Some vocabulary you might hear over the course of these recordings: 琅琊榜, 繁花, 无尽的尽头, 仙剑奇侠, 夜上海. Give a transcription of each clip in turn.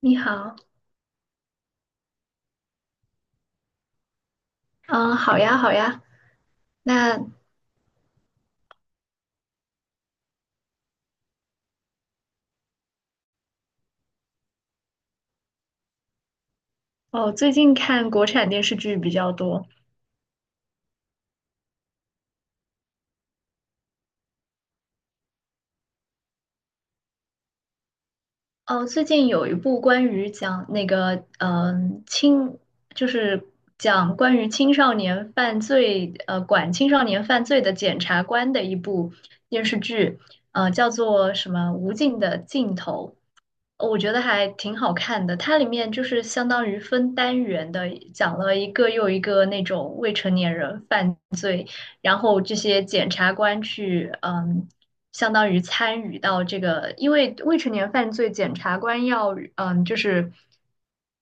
你好，嗯，好呀，好呀。那哦，最近看国产电视剧比较多。哦，最近有一部关于讲那个嗯青，就是讲关于青少年犯罪，管青少年犯罪的检察官的一部电视剧，叫做什么《无尽的尽头》。我觉得还挺好看的，它里面就是相当于分单元的，讲了一个又一个那种未成年人犯。然后这些检察官去，相当于参与到这个，因为未成年犯罪，检察官要，就是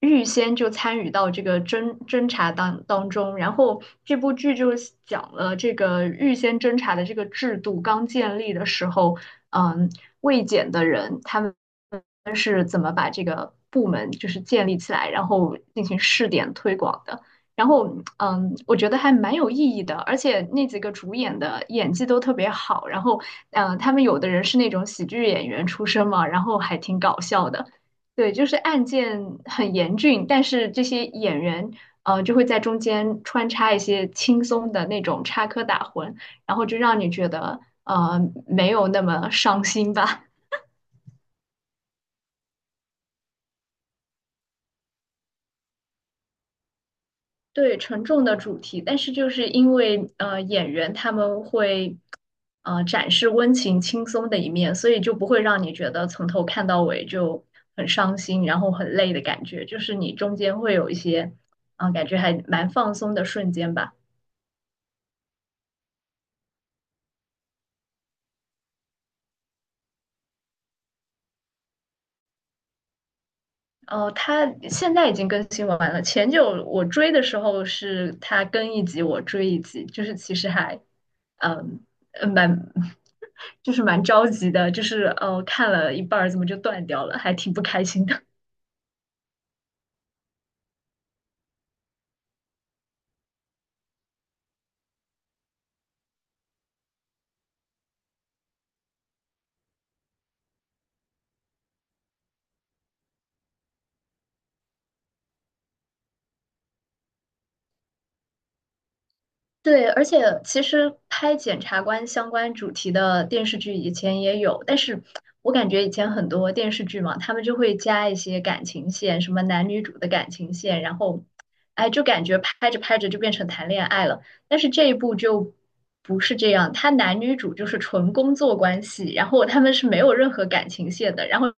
预先就参与到这个侦查当中。然后这部剧就是讲了这个预先侦查的这个制度刚建立的时候，嗯，未检的人他们。是怎么把这个部门就是建立起来，然后进行试点推广的。然后，我觉得还蛮有意义的，而且那几个主演的演技都特别好。然后，他们有的人是那种喜剧演员出身嘛，然后还挺搞笑的。对，就是案件很严峻，但是这些演员，就会在中间穿插一些轻松的那种插科打诨，然后就让你觉得，呃，没有那么伤心吧。对沉重的主题，但是就是因为演员他们会展示温情轻松的一面，所以就不会让你觉得从头看到尾就很伤心，然后很累的感觉，就是你中间会有一些感觉还蛮放松的瞬间吧。哦，它现在已经更新完了。前久我追的时候是它更一集，我追一集，就是其实嗯，蛮，就是蛮着急的，就是看了一半儿怎么就断掉了，还挺不开心的。对，而且其实拍检察官相关主题的电视剧以前也有，但是我感觉以前很多电视剧嘛，他们就会加一些感情线，什么男女主的感情线，然后，哎，就感觉拍着拍着就变成谈恋爱了。但是这一部就不是这样，他男女主就是纯工作关系，然后他们是没有任何感情线的，然后。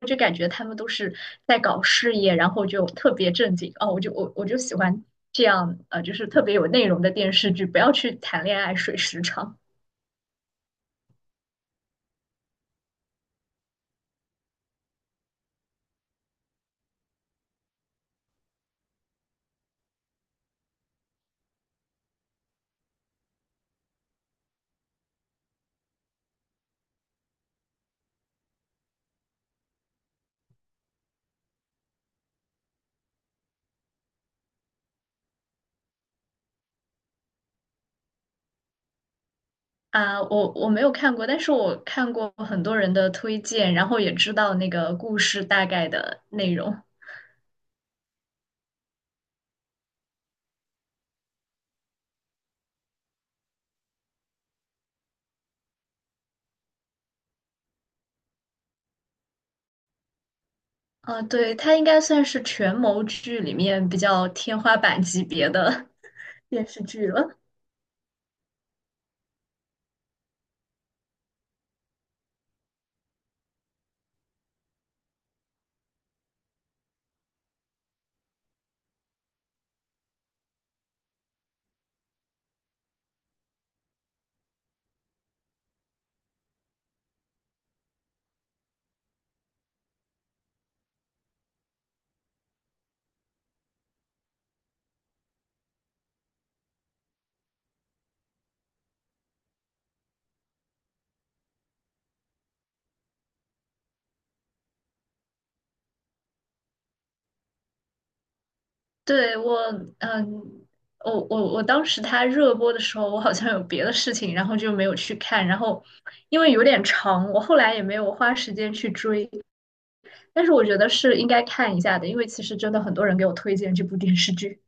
我就感觉他们都是在搞事业，然后就特别正经哦，我就喜欢这样，就是特别有内容的电视剧，不要去谈恋爱水时长啊，我没有看过，但是我看过很多人的推荐，然后也知道那个故事大概的内容。啊，对，它应该算是权谋剧里面比较天花板级别的 电视剧了。对，我，嗯，我我我当时他热播的时候，我好像有别的事情，然后就没有去看。然后因为有点长，我后来也没有花时间去追。但是我觉得是应该看一下的，因为其实真的很多人给我推荐这部电视剧，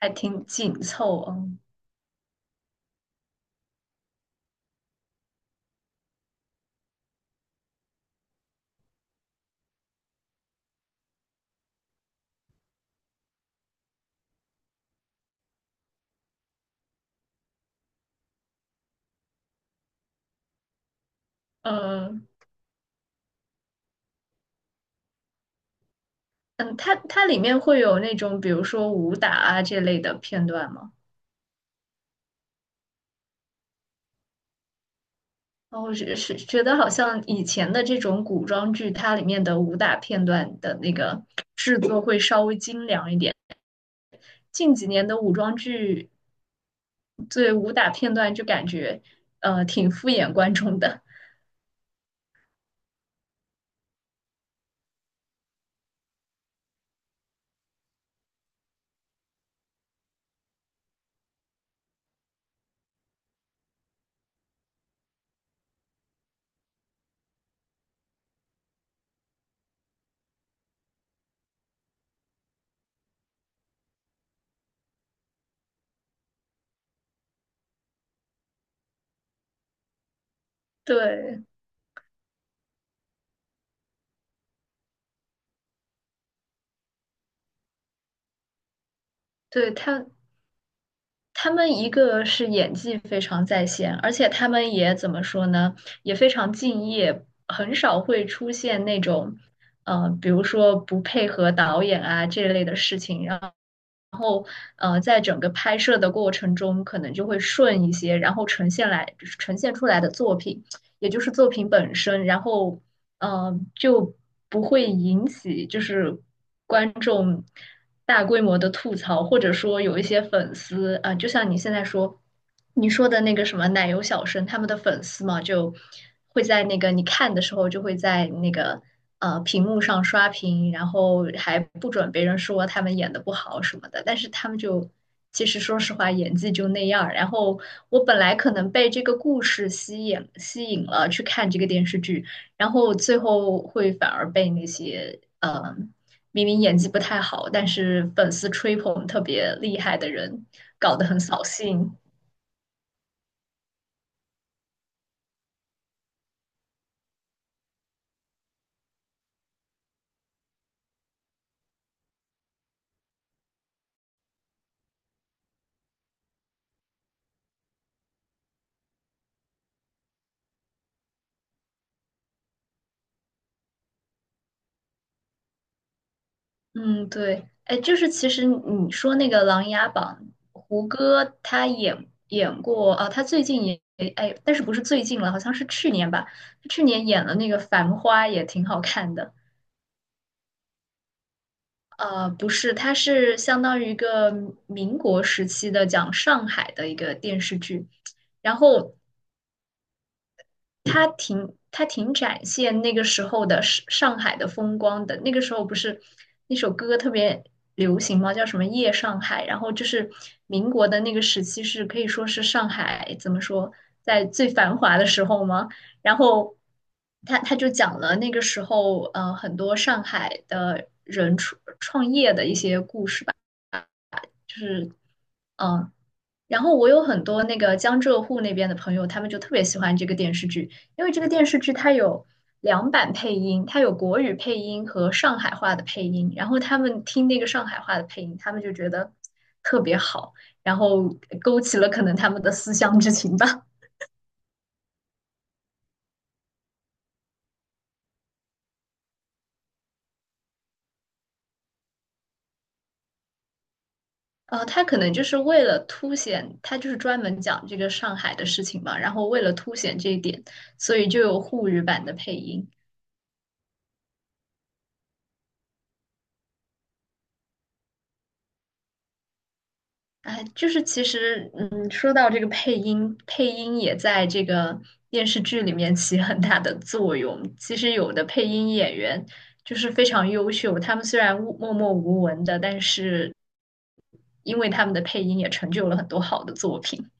还挺紧凑啊。嗯嗯，它里面会有那种比如说武打啊这类的片段吗？然我觉得好像以前的这种古装剧，它里面的武打片段的那个制作会稍微精良一点。近几年的武装剧，对武打片段就感觉挺敷衍观众的。对，对他们一个是演技非常在线，而且他们也怎么说呢，也非常敬业，很少会出现那种比如说不配合导演啊这类的事情，在整个拍摄的过程中可能就会顺一些，然后呈现出来的作品，也就是作品本身，然后就不会引起就是观众大规模的吐槽，或者说有一些粉丝就像你现在说你说的那个什么奶油小生，他们的粉丝嘛，就会在那个你看的时候就会在那个屏幕上刷屏，然后还不准别人说他们演的不好什么的，但是他们就。其实说实话，演技就那样儿然后我本来可能被这个故事吸引了去看这个电视剧，然后最后会反而被那些明明演技不太好，但是粉丝吹捧特别厉害的人，搞得很扫兴。嗯，对，哎，就是其实你说那个《琅琊榜》，胡歌他演过啊，他最近也哎，但是不是最近了，好像是去年吧，去年演了那个《繁花》，也挺好看的。不是，他是相当于一个民国时期的讲上海的一个电视剧，然后他挺展现那个时候的上海的风光的。那个时候不是那首歌特别流行吗？叫什么《夜上海》？然后就是民国的那个时期是可以说是上海怎么说，在最繁华的时候吗？然后他就讲了那个时候很多上海的人创业的一些故事吧，嗯。然后我有很多那个江浙沪那边的朋友，他们就特别喜欢这个电视剧，因为这个电视剧它有两版配音，它有国语配音和上海话的配音。然后他们听那个上海话的配音，他们就觉得特别好，然后勾起了可能他们的思乡之情吧。他可能就是为了凸显，他就是专门讲这个上海的事情嘛，然后为了凸显这一点，所以就有沪语版的配音。哎，就是其实，说到这个配音，配音也在这个电视剧里面起很大的作用。其实有的配音演员就是非常优秀，他们虽然无默默无闻的，但是因为他们的配音也成就了很多好的作品。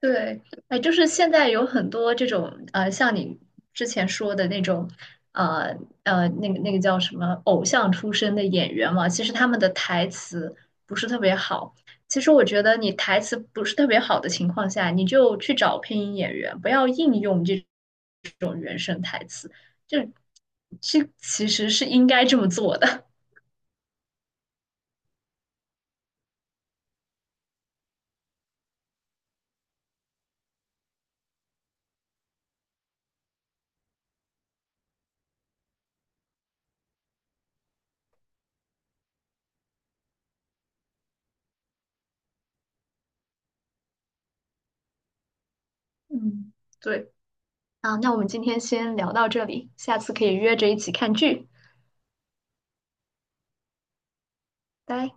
对，哎，就是现在有很多这种像你之前说的那种，呃那个叫什么偶像出身的演员嘛，其实他们的台词不是特别好。其实我觉得你台词不是特别好的情况下，你就去找配音演员，不要硬用这种原声台词，就这其实是应该这么做的。嗯，对。啊，那我们今天先聊到这里，下次可以约着一起看剧，拜。